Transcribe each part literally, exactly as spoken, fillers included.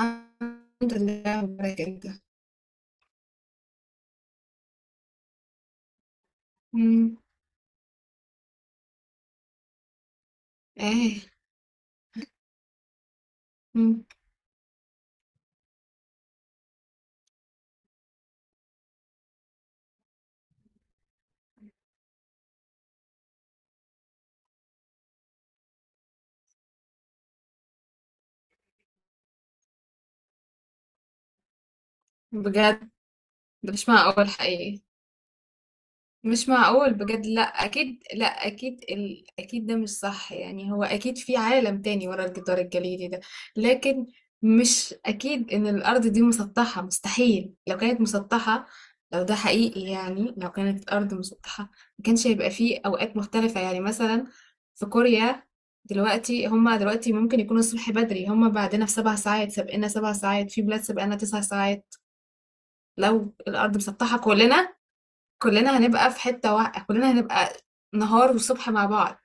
الحمد لله، مبارك أنت. إمم. إيه. إمم. بجد ده مش معقول حقيقي. مش معقول بجد. لا اكيد لا اكيد، ال... اكيد ده مش صح. يعني هو اكيد في عالم تاني ورا الجدار الجليدي ده. لكن مش اكيد ان الارض دي مسطحة. مستحيل. لو كانت مسطحة، لو ده حقيقي، يعني لو كانت الارض مسطحة ما كانش هيبقى فيه اوقات مختلفة. يعني مثلا في كوريا دلوقتي، هما دلوقتي ممكن يكونوا الصبح بدري. هما بعدنا بسبع ساعات، سابقنا سبع ساعات، في بلاد سابقنا تسع ساعات. لو الارض مسطحة، كلنا كلنا هنبقى في حتة واحدة. كلنا هنبقى نهار وصبح مع بعض.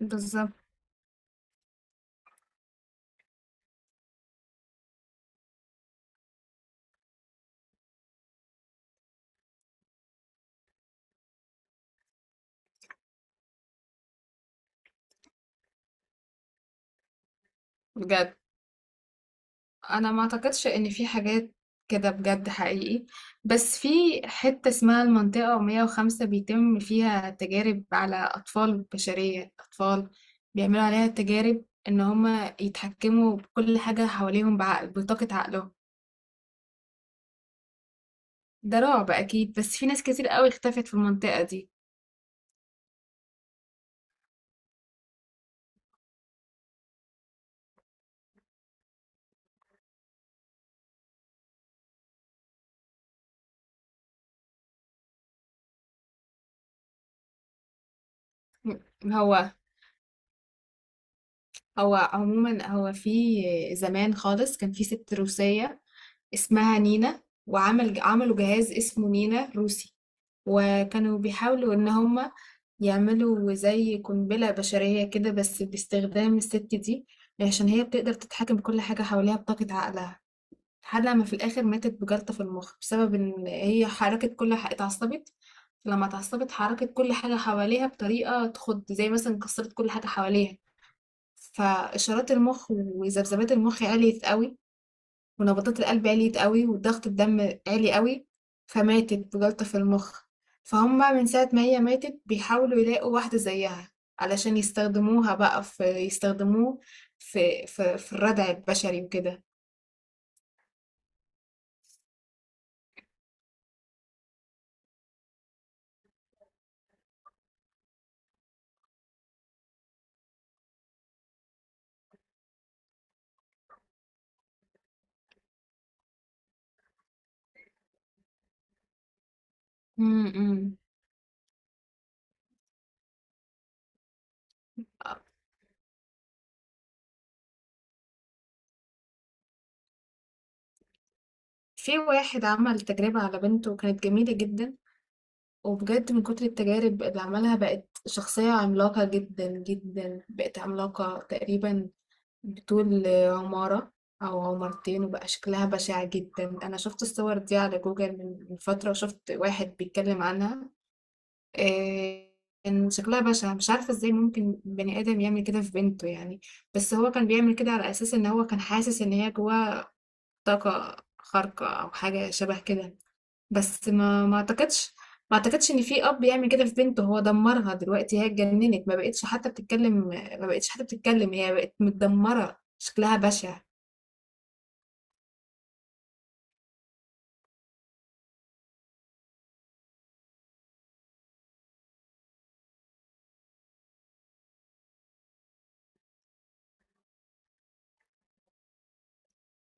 بالظبط. بجد انا ما اعتقدش ان في حاجات كده بجد حقيقي. بس في حتة اسمها المنطقة مية وخمسة، بيتم فيها تجارب على اطفال بشرية. اطفال بيعملوا عليها تجارب ان هما يتحكموا بكل حاجة حواليهم بعقل، بطاقة عقلهم. ده رعب اكيد، بس في ناس كتير قوي اختفت في المنطقة دي. هو هو عموما، هو في زمان خالص كان في ست روسية اسمها نينا. وعمل عملوا جهاز اسمه نينا روسي. وكانوا بيحاولوا ان هما يعملوا زي قنبلة بشرية كده، بس باستخدام الست دي. عشان هي بتقدر تتحكم بكل حاجة حواليها بطاقة عقلها. لحد لما في الآخر ماتت بجلطة في المخ، بسبب ان هي حركت كل حاجة، اتعصبت. لما اتعصبت حركت كل حاجة حواليها بطريقة تخض، زي مثلا كسرت كل حاجة حواليها. فإشارات المخ وذبذبات المخ عِلْيت أوي، ونبضات القلب عِلْيت أوي، وضغط الدم عِلِي أوي. فماتت بجلطة في المخ. فهُم من ساعة ما هي ماتت بيحاولوا يلاقوا واحدة زيّها، علشان يستخدموها بقى في يستخدموه في في في الردع البشري وكده. إمم، إمم. آه. في واحد عمل تجربة على بنته، وكانت جميلة جدًا. وبجد من كتر التجارب اللي عملها بقت شخصية عملاقة جدًا، جدًا. بقت عملاقة تقريبًا بطول عمارة أو عمارتين، وبقى شكلها بشع جدا. أنا شفت الصور دي على جوجل من من فترة، وشفت واحد بيتكلم عنها. إيه. كان شكلها بشع، مش عارفة ازاي ممكن بني آدم يعمل كده في بنته يعني. بس هو كان بيعمل كده على أساس إن هو كان حاسس إن هي جواها طاقة خارقة أو حاجة شبه كده. بس ما ما أعتقدش ما أعتقدش إن في أب يعمل كده في بنته. هو دمرها، دلوقتي هي اتجننت، ما بقتش حتى بتتكلم ما بقتش حتى بتتكلم. هي بقت متدمرة، شكلها بشع.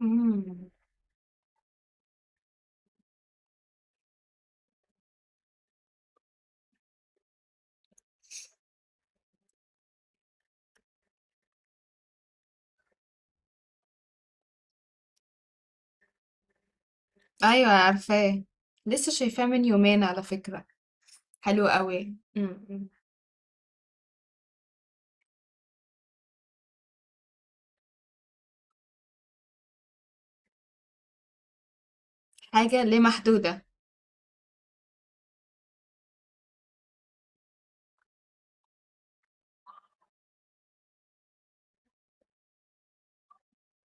امم. ايوه، عارفاه. لسه شايفاه من يومين على فكرة. حلو قوي، امم. حاجة ليه محدودة.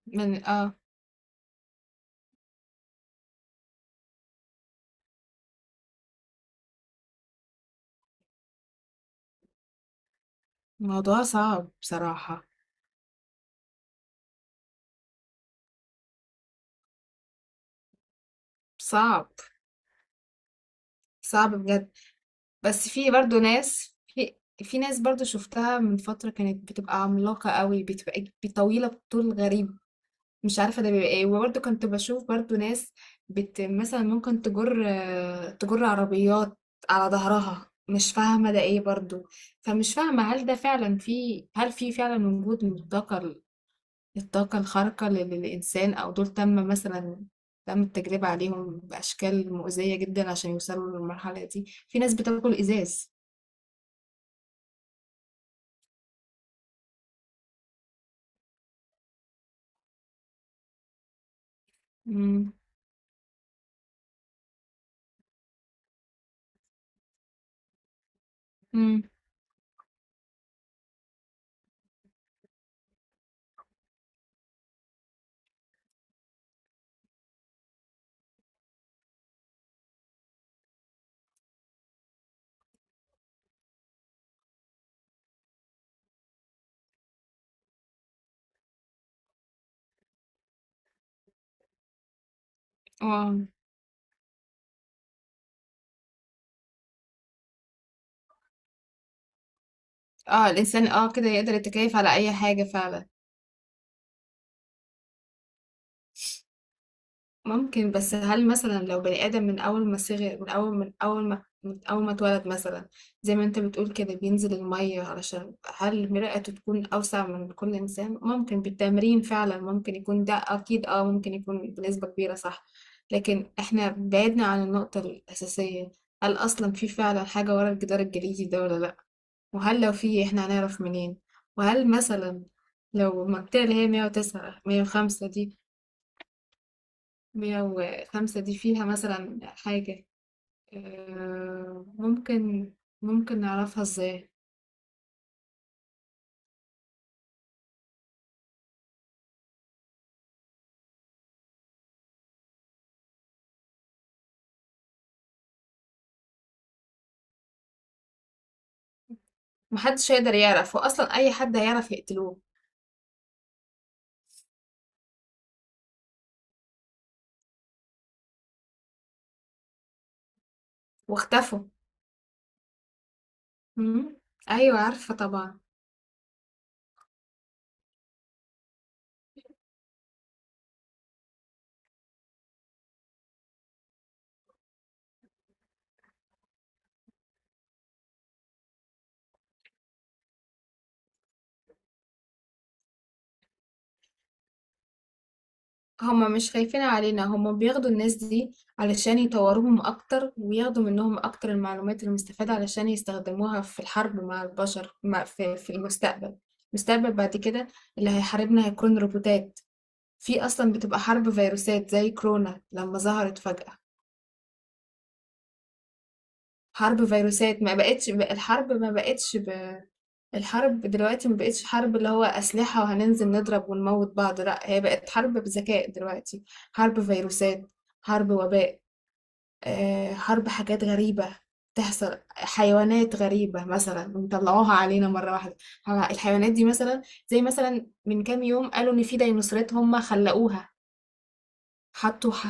من، اه. الموضوع صعب بصراحة. صعب. صعب بجد. بس في برضو ناس. في في ناس برضو شفتها من فترة، كانت بتبقى عملاقة قوي، بتبقى طويلة بطول غريب. مش عارفة ده بيبقى ايه. وبرضه كنت بشوف برضه ناس، بت مثلا ممكن تجر آه، تجر عربيات على ظهرها، مش فاهمة ده ايه برضه. فمش فاهمة هل ده فعلا في هل في فعلا وجود من الطاقة ال- الطاقة الخارقة لل- للإنسان، أو دول تم مثلا تم التجربة عليهم بأشكال مؤذية جدا عشان يوصلوا للمرحلة دي. في ناس بتاكل إزاز. مم. مم. اه، اه، الإنسان اه كده يقدر يتكيف على أي حاجة فعلا. ممكن. بس هل مثلا لو بني آدم من أول ما صغر من أول من أول ما من أول ما اتولد، مثلا زي ما أنت بتقول كده بينزل المية، علشان هل مرآته تكون أوسع من كل إنسان؟ ممكن بالتمرين، فعلا ممكن يكون ده، أكيد أه، ممكن يكون بنسبة كبيرة، صح. لكن إحنا بعدنا عن النقطة الأساسية. هل أصلا في فعلا حاجة ورا الجدار الجليدي ده ولا لأ؟ وهل لو في، إحنا هنعرف منين؟ وهل مثلا لو المنطقة اللي هي مية وتسعة مية وخمسة دي مية وخمسة دي فيها مثلا حاجة، آه، ممكن ممكن نعرفها ازاي؟ محدش هيقدر يعرف، واصلا اي حد هيعرف يقتلوه. واختفوا. مم. ايوه عارفة طبعا. هما مش خايفين علينا، هما بياخدوا الناس دي علشان يطوروهم اكتر، وياخدوا منهم اكتر المعلومات المستفادة علشان يستخدموها في الحرب مع البشر، مع في, في المستقبل. المستقبل بعد كده اللي هيحاربنا هيكون روبوتات. في أصلًا بتبقى حرب فيروسات زي كورونا لمّا ظهرت فجأة. حرب فيروسات، ما بقتش ب الحرب ما بقتش ب الحرب دلوقتي ما بقتش حرب اللي هو أسلحة وهننزل نضرب ونموّت بعض. لأ، هي بقت حرب بذكاء دلوقتي، حرب فيروسات، حرب وباء، آآ حرب حاجات غريبة تحصل، حيوانات غريبة مثلًا بيطلعوها علينا مرة واحدة. ه الحيوانات دي مثلًا، زي مثلًا من كام يوم قالوا إن في ديناصورات هُم خلّقوها. حطوا ح...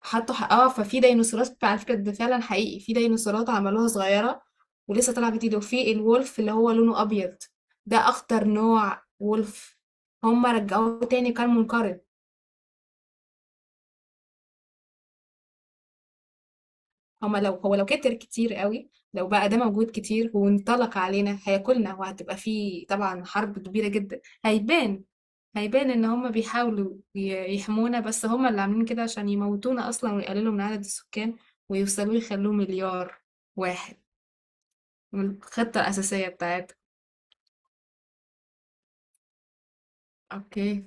حطوا ح... اه ففي ديناصورات على فكرة، ده فعلا حقيقي، في ديناصورات عملوها صغيرة ولسه طالعة جديدة. وفي الولف اللي هو لونه أبيض، ده أخطر نوع ولف، هما رجعوه تاني كان منقرض. هما لو هو لو كتر كتير قوي، لو بقى ده موجود كتير وانطلق علينا هياكلنا، وهتبقى فيه طبعا حرب كبيرة جدا. هيبان هيبان ان هما بيحاولوا ي- يحمونا، بس هما اللي عاملين كده عشان يموتونا اصلا، ويقللوا من عدد السكان، ويوصلوا يخلوه مليار واحد، من الخطة الأساسية بتاعتها. اوكي.